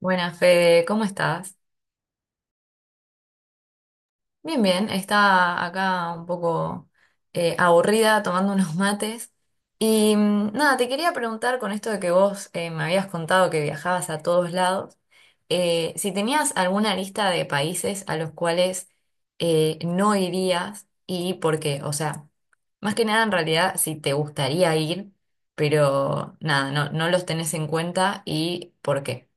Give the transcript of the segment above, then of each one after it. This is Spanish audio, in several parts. Buenas, Fede, ¿cómo estás? Bien, bien, estaba acá un poco aburrida tomando unos mates. Y nada, te quería preguntar con esto de que vos me habías contado que viajabas a todos lados, si tenías alguna lista de países a los cuales no irías y por qué. O sea, más que nada en realidad si te gustaría ir, pero nada, no los tenés en cuenta y por qué.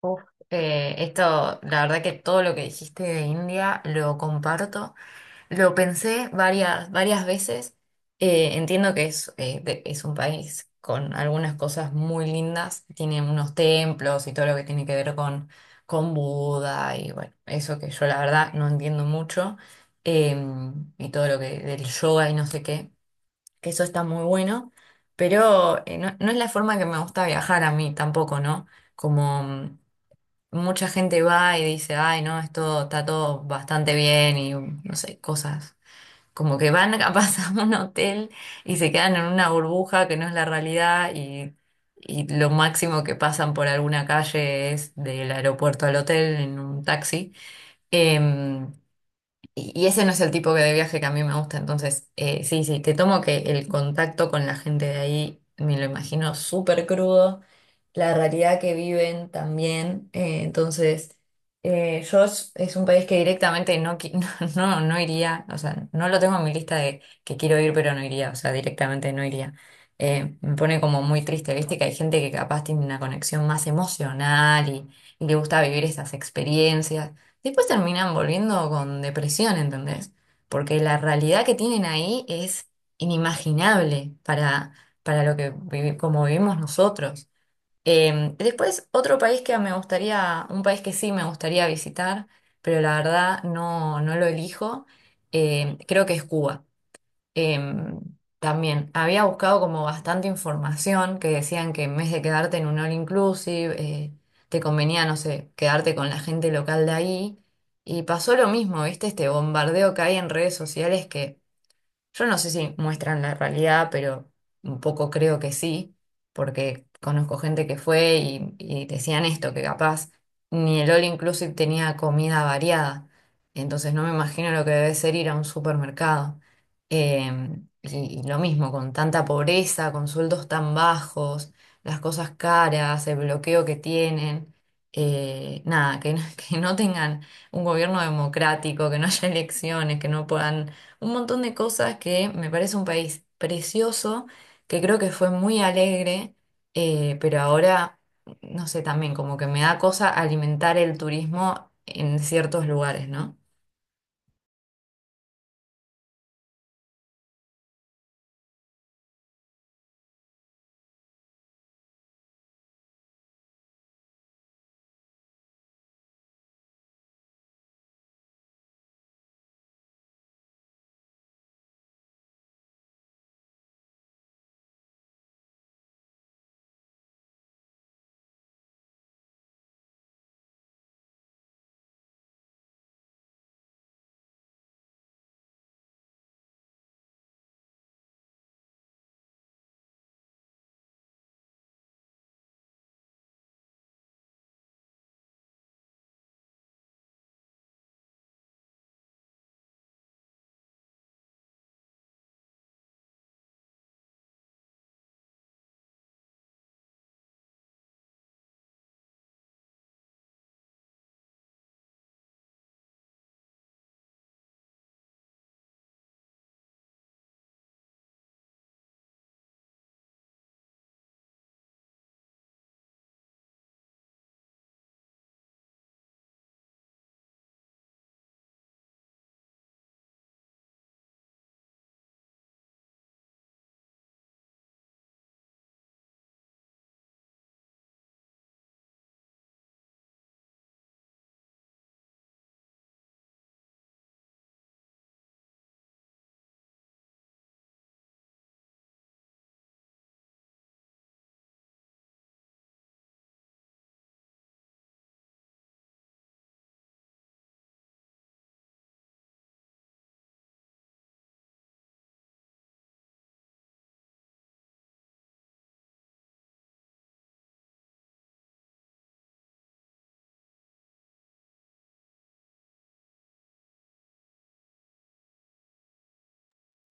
Uf, esto, la verdad que todo lo que dijiste de India lo comparto. Lo pensé varias veces. Entiendo que es, es un país con algunas cosas muy lindas. Tiene unos templos y todo lo que tiene que ver con Buda y bueno, eso que yo la verdad no entiendo mucho. Y todo lo que del yoga y no sé qué, que eso está muy bueno. Pero no, no es la forma que me gusta viajar a mí tampoco, ¿no? Como mucha gente va y dice, ay, no, esto está todo bastante bien y no sé, cosas. Como que van capaz a un hotel y se quedan en una burbuja que no es la realidad y lo máximo que pasan por alguna calle es del aeropuerto al hotel en un taxi. Em, y ese no es el tipo que de viaje que a mí me gusta, entonces sí, sí, te tomo que el contacto con la gente de ahí me lo imagino súper crudo, la realidad que viven también, entonces yo es un país que directamente no, qui- no, no, no iría, o sea, no lo tengo en mi lista de que quiero ir pero no iría, o sea, directamente no iría. Me pone como muy triste, viste que hay gente que capaz tiene una conexión más emocional y le gusta vivir esas experiencias. Después terminan volviendo con depresión, ¿entendés? Porque la realidad que tienen ahí es inimaginable para lo que como vivimos nosotros. Después, otro país que me gustaría, un país que sí me gustaría visitar, pero la verdad no, no lo elijo, creo que es Cuba. Em, también había buscado como bastante información que decían que en vez de quedarte en un all inclusive, te convenía, no sé, quedarte con la gente local de ahí. Y pasó lo mismo, ¿viste? Este bombardeo que hay en redes sociales que yo no sé si muestran la realidad, pero un poco creo que sí, porque conozco gente que fue y decían esto, que capaz ni el All Inclusive tenía comida variada. Entonces no me imagino lo que debe ser ir a un supermercado. Eh, y lo mismo, con tanta pobreza, con sueldos tan bajos, las cosas caras, el bloqueo que tienen. Eh, nada, que, no- que no tengan un gobierno democrático, que no haya elecciones, que no puedan un montón de cosas que me parece un país precioso, que creo que fue muy alegre, pero ahora, no sé, también como que me da cosa alimentar el turismo en ciertos lugares, ¿no?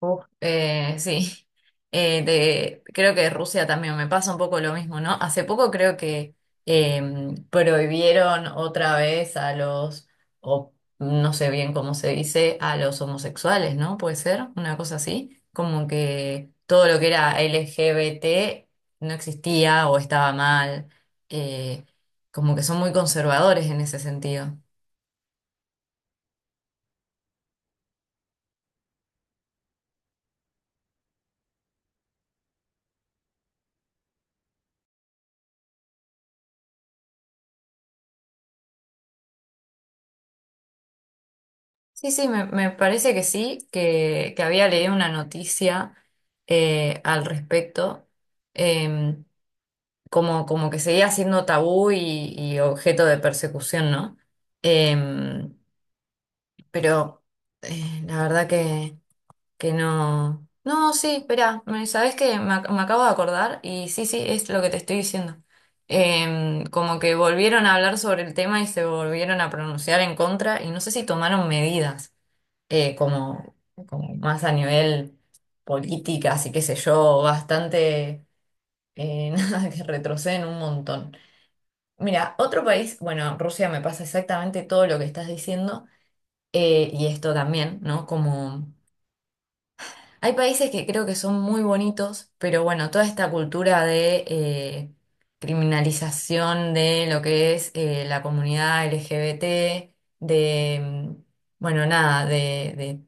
Uf, sí, creo que Rusia también me pasa un poco lo mismo, ¿no? Hace poco creo que eh, prohibieron otra vez a los, o no sé bien cómo se dice, a los homosexuales, ¿no? Puede ser una cosa así, como que todo lo que era LGBT no existía o estaba mal. Eh, como que son muy conservadores en ese sentido. Sí, sí, me parece que sí, que había leído una noticia al respecto. em, Como, como que seguía siendo tabú y objeto de persecución, ¿no? Em, pero la verdad que no... No, sí, espera, ¿sabes qué? Me acabo de acordar y sí, sí, es lo que te estoy diciendo. Em, como que volvieron a hablar sobre el tema y se volvieron a pronunciar en contra y no sé si tomaron medidas como, como más a nivel política, así que sé yo, bastante, nada, que retroceden un montón. Mira, otro país, bueno, Rusia me pasa exactamente todo lo que estás diciendo, y esto también, ¿no? Como hay países que creo que son muy bonitos, pero bueno, toda esta cultura de criminalización de lo que es la comunidad LGBT, de, bueno, nada, de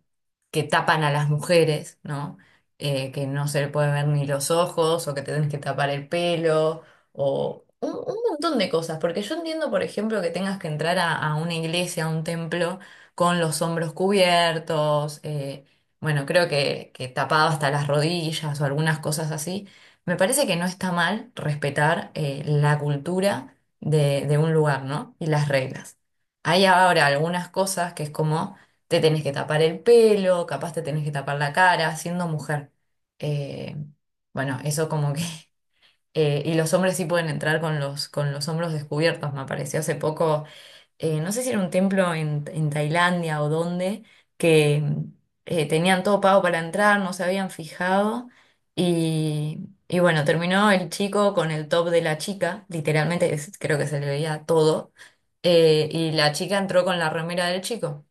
que tapan a las mujeres, ¿no? Que no se le puede ver ni los ojos, o que te tenés que tapar el pelo, o un montón de cosas. Porque yo entiendo, por ejemplo, que tengas que entrar a una iglesia, a un templo, con los hombros cubiertos. Eh, bueno, creo que tapado hasta las rodillas o algunas cosas así. Me parece que no está mal respetar la cultura de un lugar, ¿no? Y las reglas. Hay ahora algunas cosas que es como te tenés que tapar el pelo, capaz te tenés que tapar la cara, siendo mujer. Eh, bueno, eso como que y los hombres sí pueden entrar con los hombros descubiertos, me apareció hace poco, no sé si era un templo en Tailandia o dónde, que tenían todo pago para entrar, no se habían fijado, y bueno, terminó el chico con el top de la chica, literalmente creo que se le veía todo, y la chica entró con la remera del chico,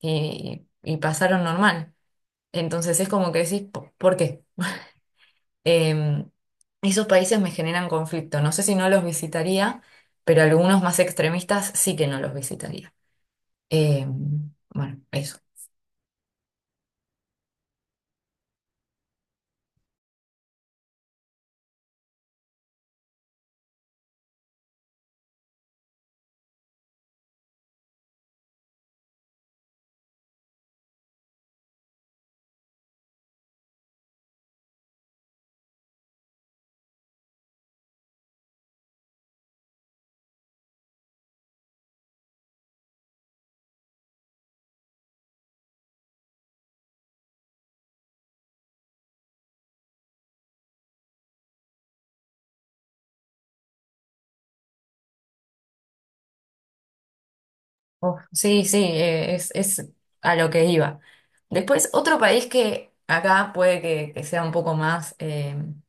y pasaron normal. Entonces es como que decís, ¿por qué? Em, esos países me generan conflicto. No sé si no los visitaría, pero algunos más extremistas sí que no los visitaría. Em, bueno, eso. Uf, sí, sí, es a lo que iba. Después, otro país que acá puede que sea un poco más em,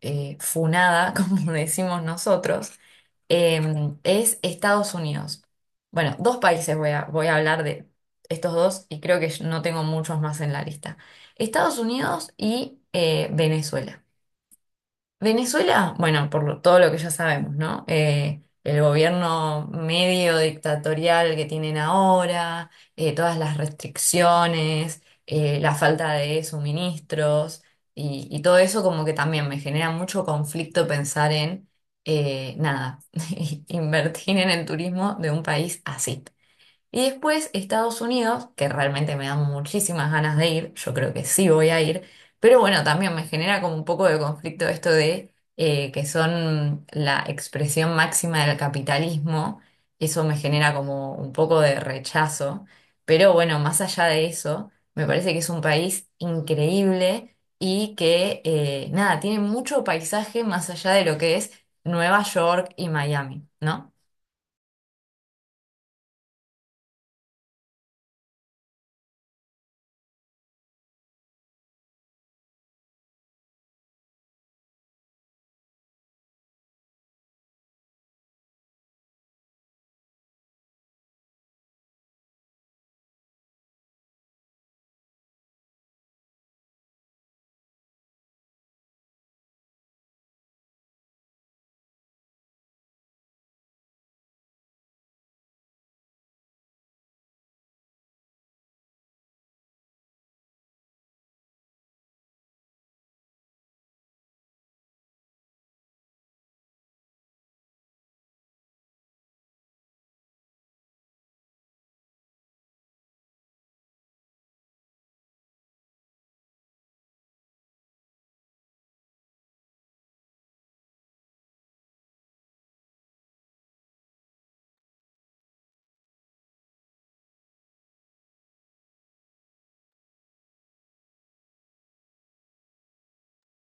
eh, funada, como decimos nosotros, em, es Estados Unidos. Bueno, dos países voy a hablar de estos dos y creo que no tengo muchos más en la lista. Estados Unidos y Venezuela. Venezuela, bueno, todo lo que ya sabemos, ¿no? El gobierno medio dictatorial que tienen ahora, todas las restricciones, la falta de suministros y todo eso como que también me genera mucho conflicto pensar en, nada, invertir en el turismo de un país así. Y después Estados Unidos, que realmente me dan muchísimas ganas de ir, yo creo que sí voy a ir, pero bueno, también me genera como un poco de conflicto esto de que son la expresión máxima del capitalismo, eso me genera como un poco de rechazo, pero bueno, más allá de eso, me parece que es un país increíble y que nada, tiene mucho paisaje más allá de lo que es Nueva York y Miami, ¿no?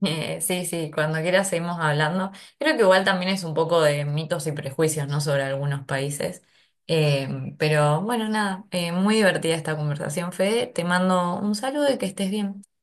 Sí, sí, cuando quieras seguimos hablando. Creo que igual también es un poco de mitos y prejuicios, ¿no? Sobre algunos países. Eh, pero bueno, nada, muy divertida esta conversación, Fede. Te mando un saludo y que estés bien.